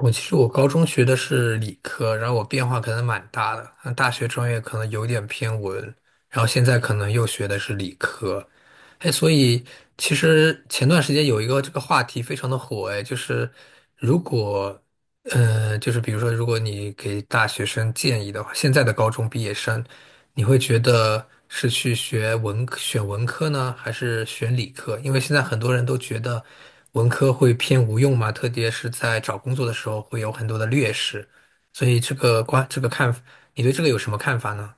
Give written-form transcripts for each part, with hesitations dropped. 我其实我高中学的是理科，然后我变化可能蛮大的，那大学专业可能有点偏文，然后现在可能又学的是理科，哎，所以其实前段时间有一个这个话题非常的火，哎，就是如果就是比如说，如果你给大学生建议的话，现在的高中毕业生，你会觉得是去学文科选文科呢，还是选理科？因为现在很多人都觉得文科会偏无用嘛，特别是在找工作的时候会有很多的劣势，所以这个观，这个看，你对这个有什么看法呢？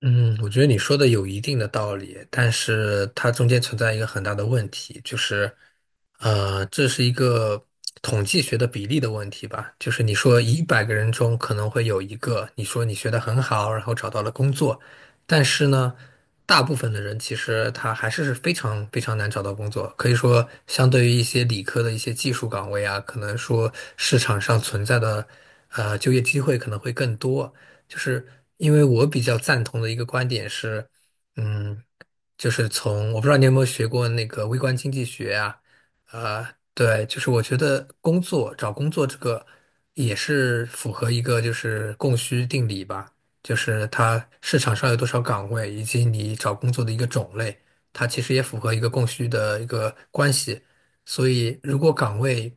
嗯，我觉得你说的有一定的道理，但是它中间存在一个很大的问题，就是，这是一个统计学的比例的问题吧。就是你说100个人中可能会有一个，你说你学得很好，然后找到了工作，但是呢，大部分的人其实他还是非常非常难找到工作。可以说，相对于一些理科的一些技术岗位啊，可能说市场上存在的就业机会可能会更多。就是因为我比较赞同的一个观点是，嗯，就是从我不知道你有没有学过那个微观经济学啊，呃，对，就是我觉得工作找工作这个也是符合一个就是供需定理吧，就是它市场上有多少岗位，以及你找工作的一个种类，它其实也符合一个供需的一个关系。所以，如果岗位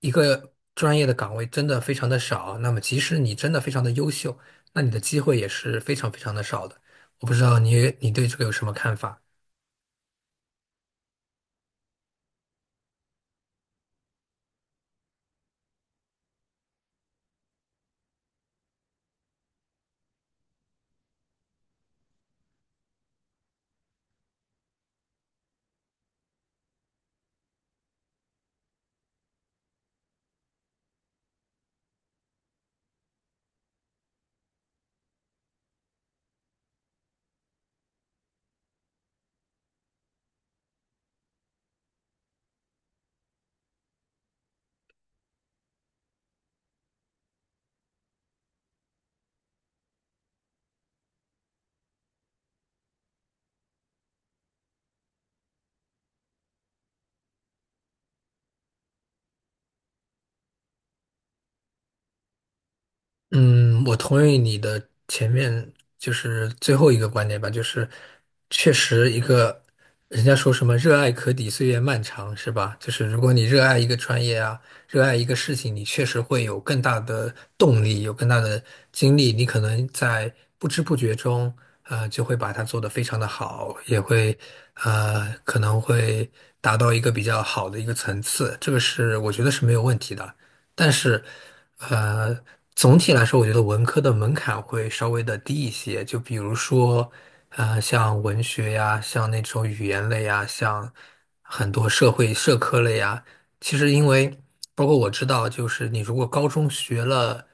一个专业的岗位真的非常的少，那么即使你真的非常的优秀，那你的机会也是非常非常的少的。我不知道你对这个有什么看法？嗯，我同意你的前面就是最后一个观点吧，就是确实一个人家说什么"热爱可抵岁月漫长"是吧？就是如果你热爱一个专业啊，热爱一个事情，你确实会有更大的动力，有更大的精力，你可能在不知不觉中，就会把它做得非常的好，也会可能会达到一个比较好的一个层次，这个是我觉得是没有问题的。但是，呃，总体来说，我觉得文科的门槛会稍微的低一些。就比如说，像文学呀，像那种语言类呀，像很多社会社科类呀，其实因为包括我知道，就是你如果高中学了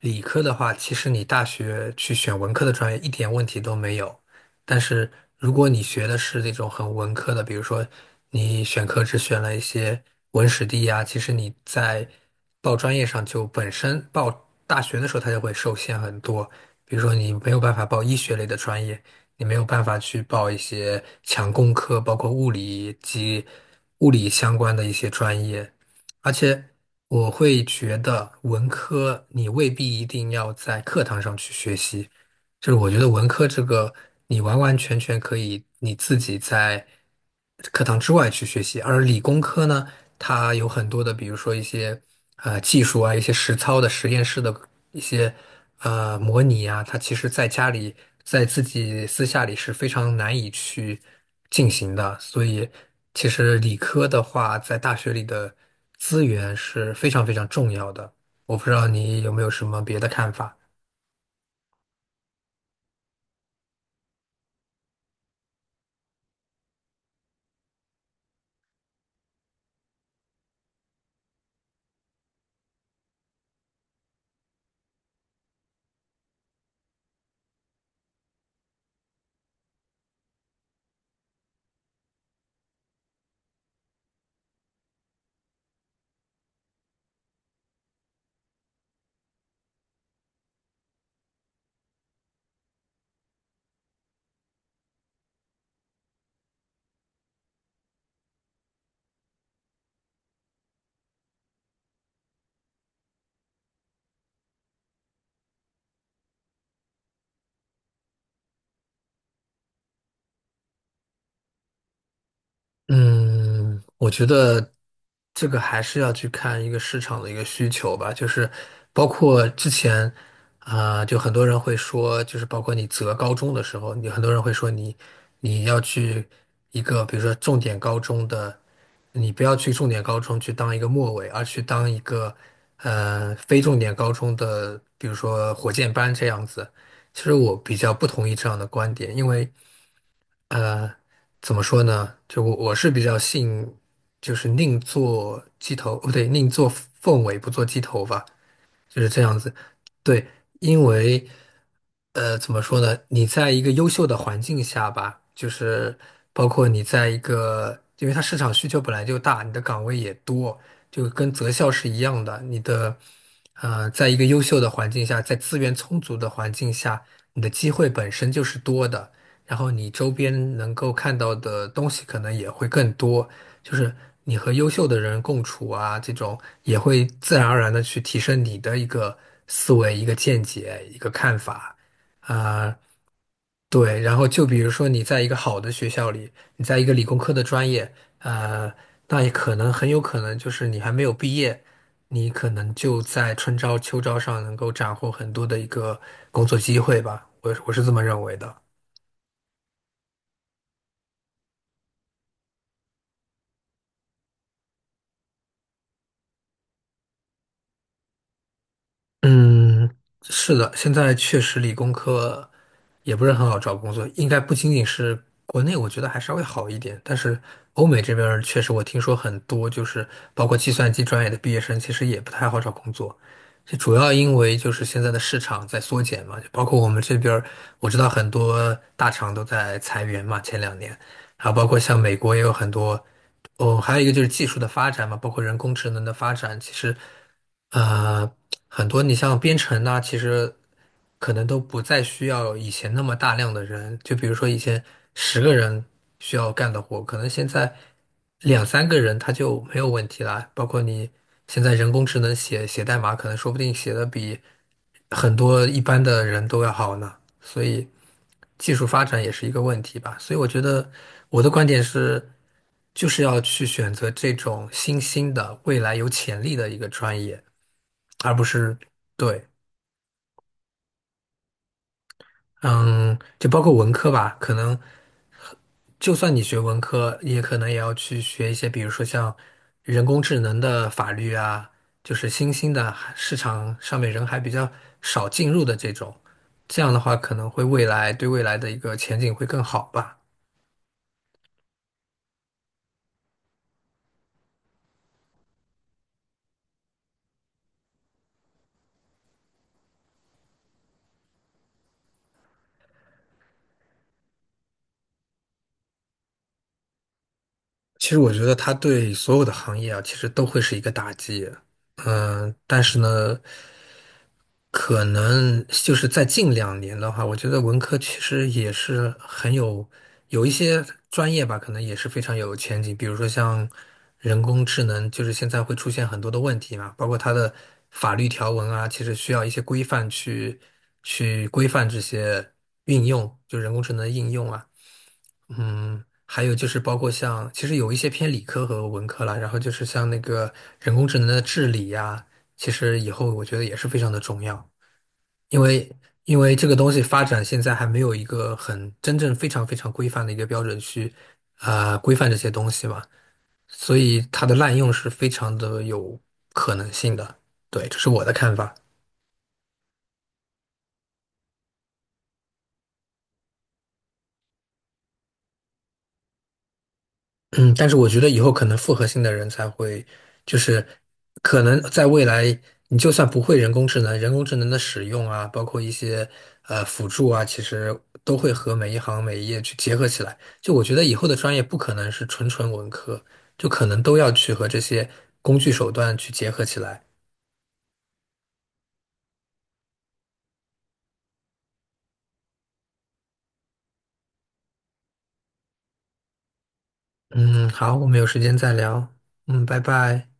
理科的话，其实你大学去选文科的专业一点问题都没有。但是如果你学的是那种很文科的，比如说你选课只选了一些文史地呀，其实你在报专业上就本身报大学的时候它就会受限很多，比如说你没有办法报医学类的专业，你没有办法去报一些强工科，包括物理及物理相关的一些专业，而且。我会觉得文科你未必一定要在课堂上去学习，就是我觉得文科这个，你完完全全可以你自己在课堂之外去学习，而理工科呢，它有很多的，比如说一些技术啊，一些实操的实验室的一些模拟啊，它其实在家里在自己私下里是非常难以去进行的，所以其实理科的话，在大学里的资源是非常非常重要的。我不知道你有没有什么别的看法。嗯，我觉得这个还是要去看一个市场的一个需求吧，就是包括之前啊、就很多人会说，就是包括你择高中的时候，你很多人会说你要去一个比如说重点高中的，你不要去重点高中去当一个末尾，而去当一个非重点高中的，比如说火箭班这样子。其实我比较不同意这样的观点，因为呃，怎么说呢？就我是比较信，就是宁做鸡头，不对，宁做凤尾，不做鸡头吧。就是这样子。对，因为怎么说呢？你在一个优秀的环境下吧，就是包括你在一个，因为它市场需求本来就大，你的岗位也多，就跟择校是一样的。你的在一个优秀的环境下，在资源充足的环境下，你的机会本身就是多的，然后你周边能够看到的东西可能也会更多。就是你和优秀的人共处啊，这种也会自然而然的去提升你的一个思维、一个见解、一个看法啊，对。然后就比如说你在一个好的学校里，你在一个理工科的专业，呃，那也可能很有可能就是你还没有毕业，你可能就在春招秋招上能够斩获很多的一个工作机会吧，我是这么认为的。嗯，是的，现在确实理工科也不是很好找工作，应该不仅仅是国内，我觉得还稍微好一点，但是欧美这边儿确实我听说很多，就是包括计算机专业的毕业生，其实也不太好找工作。这主要因为就是现在的市场在缩减嘛，就包括我们这边儿我知道很多大厂都在裁员嘛，前两年。还有包括像美国也有很多，哦，还有一个就是技术的发展嘛，包括人工智能的发展，其实，呃，很多你像编程呐、其实可能都不再需要以前那么大量的人，就比如说以前10个人需要干的活，可能现在两三个人他就没有问题啦。包括你现在人工智能写写代码，可能说不定写的比很多一般的人都要好呢。所以技术发展也是一个问题吧。所以我觉得我的观点是，就是要去选择这种新兴的、未来有潜力的一个专业，而不是对，嗯，就包括文科吧，可能就算你学文科，也可能也要去学一些，比如说像人工智能的法律啊，就是新兴的市场上面人还比较少进入的这种，这样的话可能会未来对未来的一个前景会更好吧。其实我觉得它对所有的行业啊，其实都会是一个打击。嗯，但是呢，可能就是在近两年的话，我觉得文科其实也是很有有一些专业吧，可能也是非常有前景。比如说像人工智能，就是现在会出现很多的问题嘛，包括它的法律条文啊，其实需要一些规范去去规范这些运用，就人工智能的应用啊。嗯，还有就是包括像，其实有一些偏理科和文科啦，然后就是像那个人工智能的治理呀，其实以后我觉得也是非常的重要，因为因为这个东西发展现在还没有一个很真正非常非常规范的一个标准去啊、规范这些东西嘛，所以它的滥用是非常的有可能性的。对，这是我的看法。嗯，但是我觉得以后可能复合性的人才会，就是可能在未来，你就算不会人工智能，人工智能的使用啊，包括一些辅助啊，其实都会和每一行每一业去结合起来。就我觉得以后的专业不可能是纯纯文科，就可能都要去和这些工具手段去结合起来。嗯，好，我们有时间再聊。嗯，拜拜。